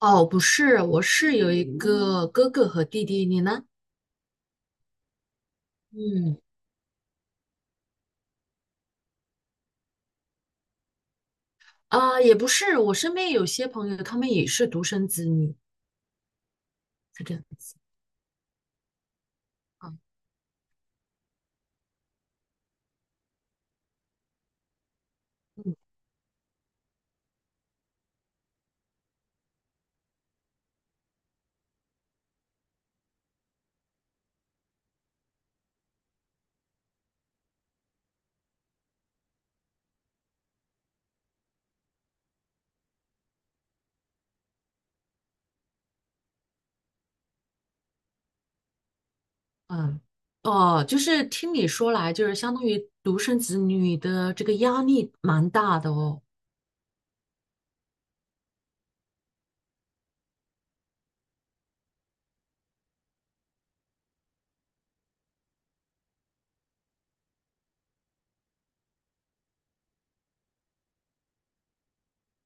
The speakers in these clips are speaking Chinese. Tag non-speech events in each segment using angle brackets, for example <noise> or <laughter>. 哦，不是，我是有一个哥哥和弟弟，你呢？嗯，也不是，我身边有些朋友，他们也是独生子女，是这样子。啊，嗯嗯，哦，就是听你说来，就是相当于独生子女的这个压力蛮大的哦。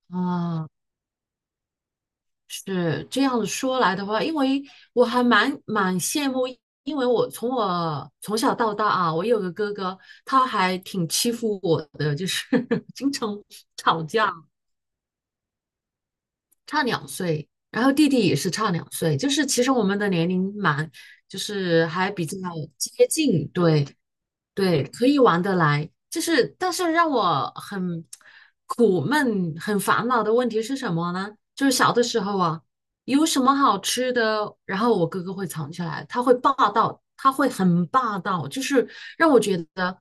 啊，是这样子说来的话，因为我还蛮羡慕，因为我从小到大啊，我有个哥哥，他还挺欺负我的，就是 <laughs> 经常吵架。差两岁，然后弟弟也是差两岁，就是其实我们的年龄蛮，就是还比较接近，对对，可以玩得来。就是，但是让我很苦闷、很烦恼的问题是什么呢？就是小的时候啊，有什么好吃的，然后我哥哥会藏起来，他会霸道，他会很霸道，就是让我觉得。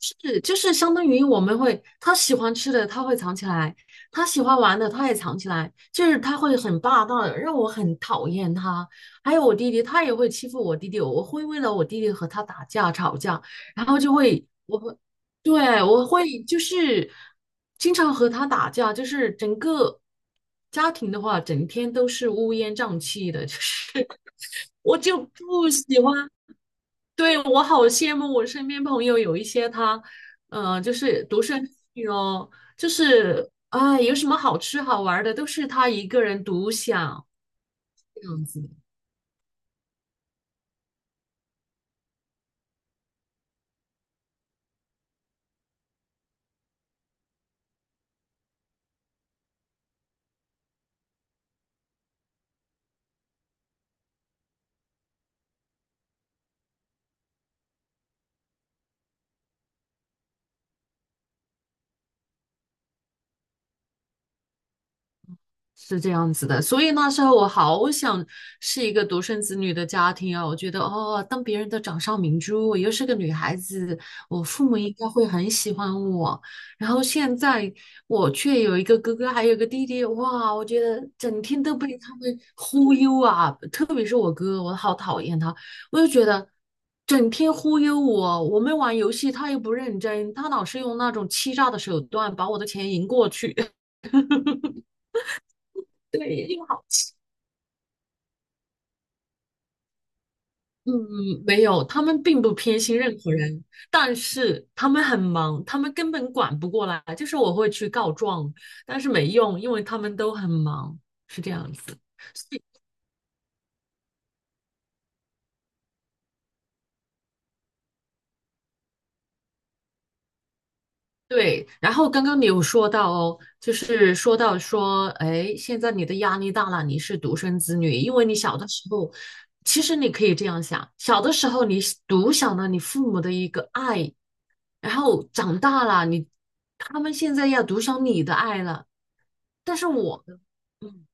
是，就是相当于我们会，他喜欢吃的他会藏起来，他喜欢玩的他也藏起来，就是他会很霸道的，让我很讨厌他。还有我弟弟，他也会欺负我弟弟，我会为了我弟弟和他打架吵架，然后就会，我会，对，我会就是经常和他打架，就是整个家庭的话，整天都是乌烟瘴气的，就是 <laughs> 我就不喜欢。对，我好羡慕我身边朋友有一些他，就是独生女哦，就是有什么好吃好玩的都是他一个人独享这样子。是这样子的，所以那时候我好想是一个独生子女的家庭啊，我觉得哦，当别人的掌上明珠，我又是个女孩子，我父母应该会很喜欢我。然后现在我却有一个哥哥，还有个弟弟，哇，我觉得整天都被他们忽悠啊，特别是我哥，我好讨厌他，我就觉得整天忽悠我，我们玩游戏他又不认真，他老是用那种欺诈的手段把我的钱赢过去，<laughs> 对，嗯，没有，他们并不偏心任何人，但是他们很忙，他们根本管不过来。就是我会去告状，但是没用，因为他们都很忙，是这样子。对，然后刚刚你有说到哦，就是说到说，哎，现在你的压力大了，你是独生子女，因为你小的时候，其实你可以这样想，小的时候你是独享了你父母的一个爱，然后长大了，他们现在要独享你的爱了。但是我的，嗯，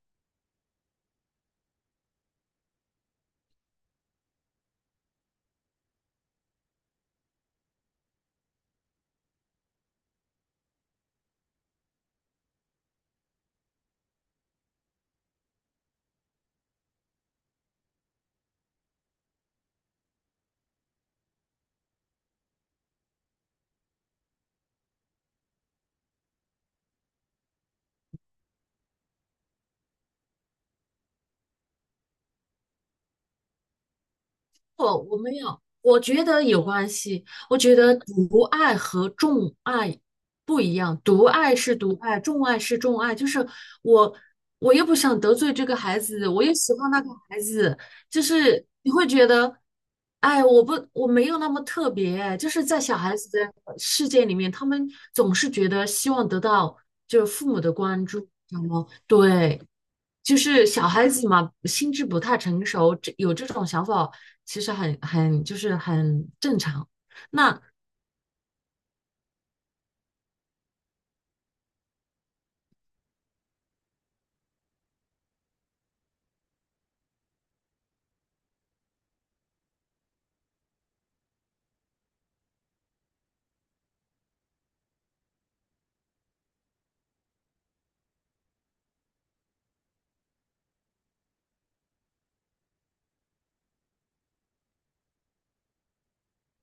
我没有，我觉得有关系。我觉得独爱和众爱不一样，独爱是独爱，众爱是众爱。就是我，我又不想得罪这个孩子，我又喜欢那个孩子，就是你会觉得，哎，我没有那么特别。就是在小孩子的世界里面，他们总是觉得希望得到就是父母的关注，知道吗？对。就是小孩子嘛，心智不太成熟，这有这种想法，其实很就是很正常。那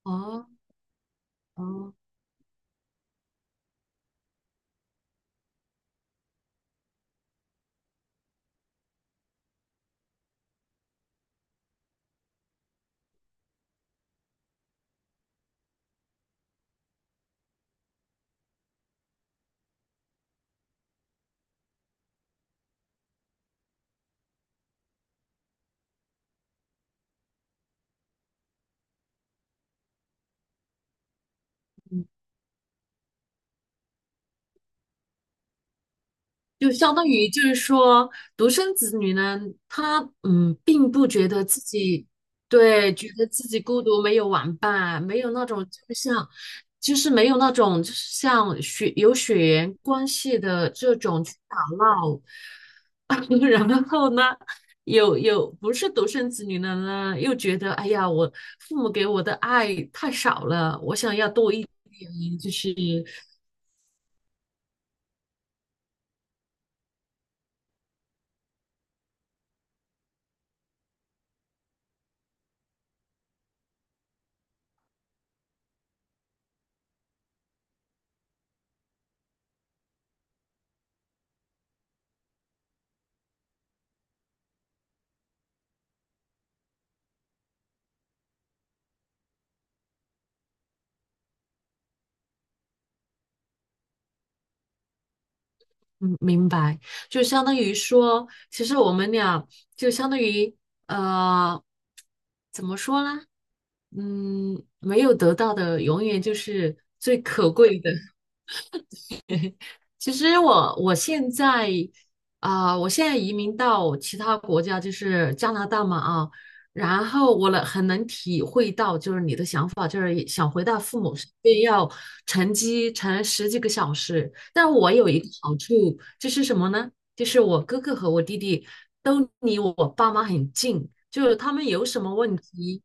哦哦，就相当于就是说，独生子女呢，他并不觉得自己对，觉得自己孤独，没有玩伴，没有那种就是像，就是没有那种就是像有血缘关系的这种去打闹。<laughs> 然后呢，有不是独生子女的呢，又觉得哎呀，我父母给我的爱太少了，我想要多一点，就是。嗯，明白，就相当于说，其实我们俩就相当于呃，怎么说呢？没有得到的永远就是最可贵的。其实我现在现在移民到其他国家，就是加拿大嘛啊，然后我很能体会到，就是你的想法，就是想回到父母身边，要乘机乘十几个小时。但我有一个好处，就是什么呢？就是我哥哥和我弟弟都离我爸妈很近，就是他们有什么问题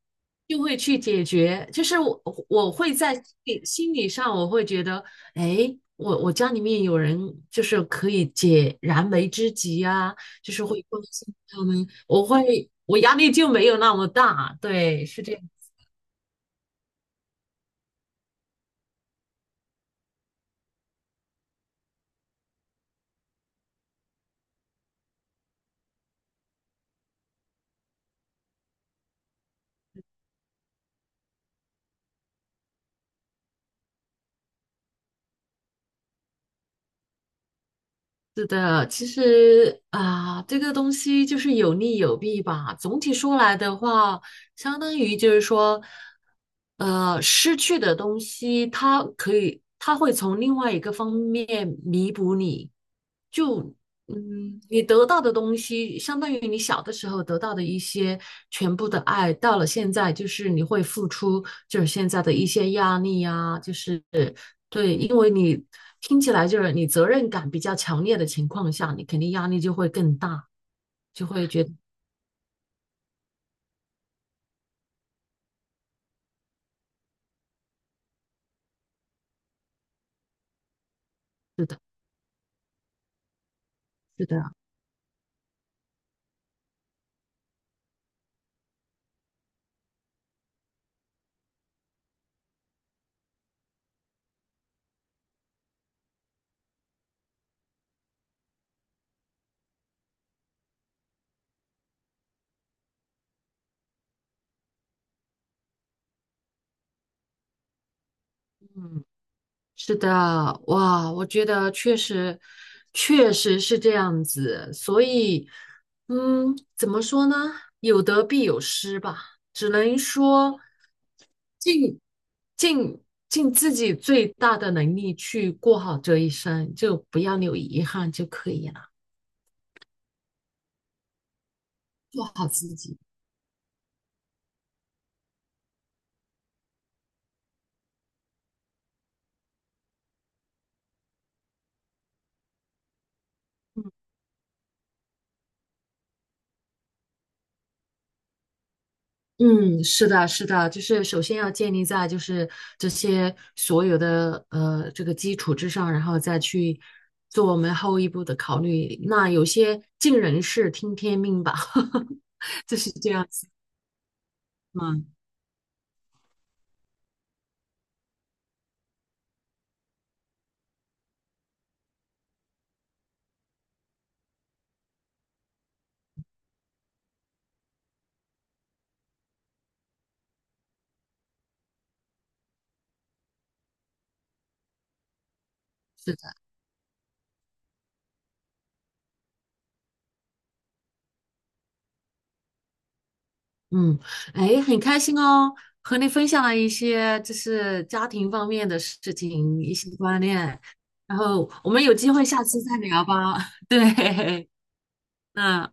就会去解决。就是我会在心理上，我会觉得。哎，我家里面有人就是可以解燃眉之急啊，就是会关心他们，我压力就没有那么大，对，是这样。是的，其实啊，这个东西就是有利有弊吧。总体说来的话，相当于就是说，失去的东西，它可以，它会从另外一个方面弥补你。就你得到的东西，相当于你小的时候得到的一些全部的爱，到了现在，就是你会付出，就是现在的一些压力呀、就是。对，因为你听起来就是你责任感比较强烈的情况下，你肯定压力就会更大，就会觉得 <laughs> 是的，是的，是的，哇，我觉得确实，确实是这样子，所以，怎么说呢？有得必有失吧，只能说尽尽尽自己最大的能力去过好这一生，就不要留遗憾就可以了，做好自己。嗯嗯，是的，是的，就是首先要建立在就是这些所有的这个基础之上，然后再去做我们后一步的考虑。那有些尽人事，听天命吧，<laughs> 就是这样子嘛。是的，嗯，哎，很开心哦，和你分享了一些就是家庭方面的事情，一些观念，然后我们有机会下次再聊吧。<laughs> 对，嗯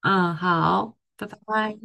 嗯，好，拜拜。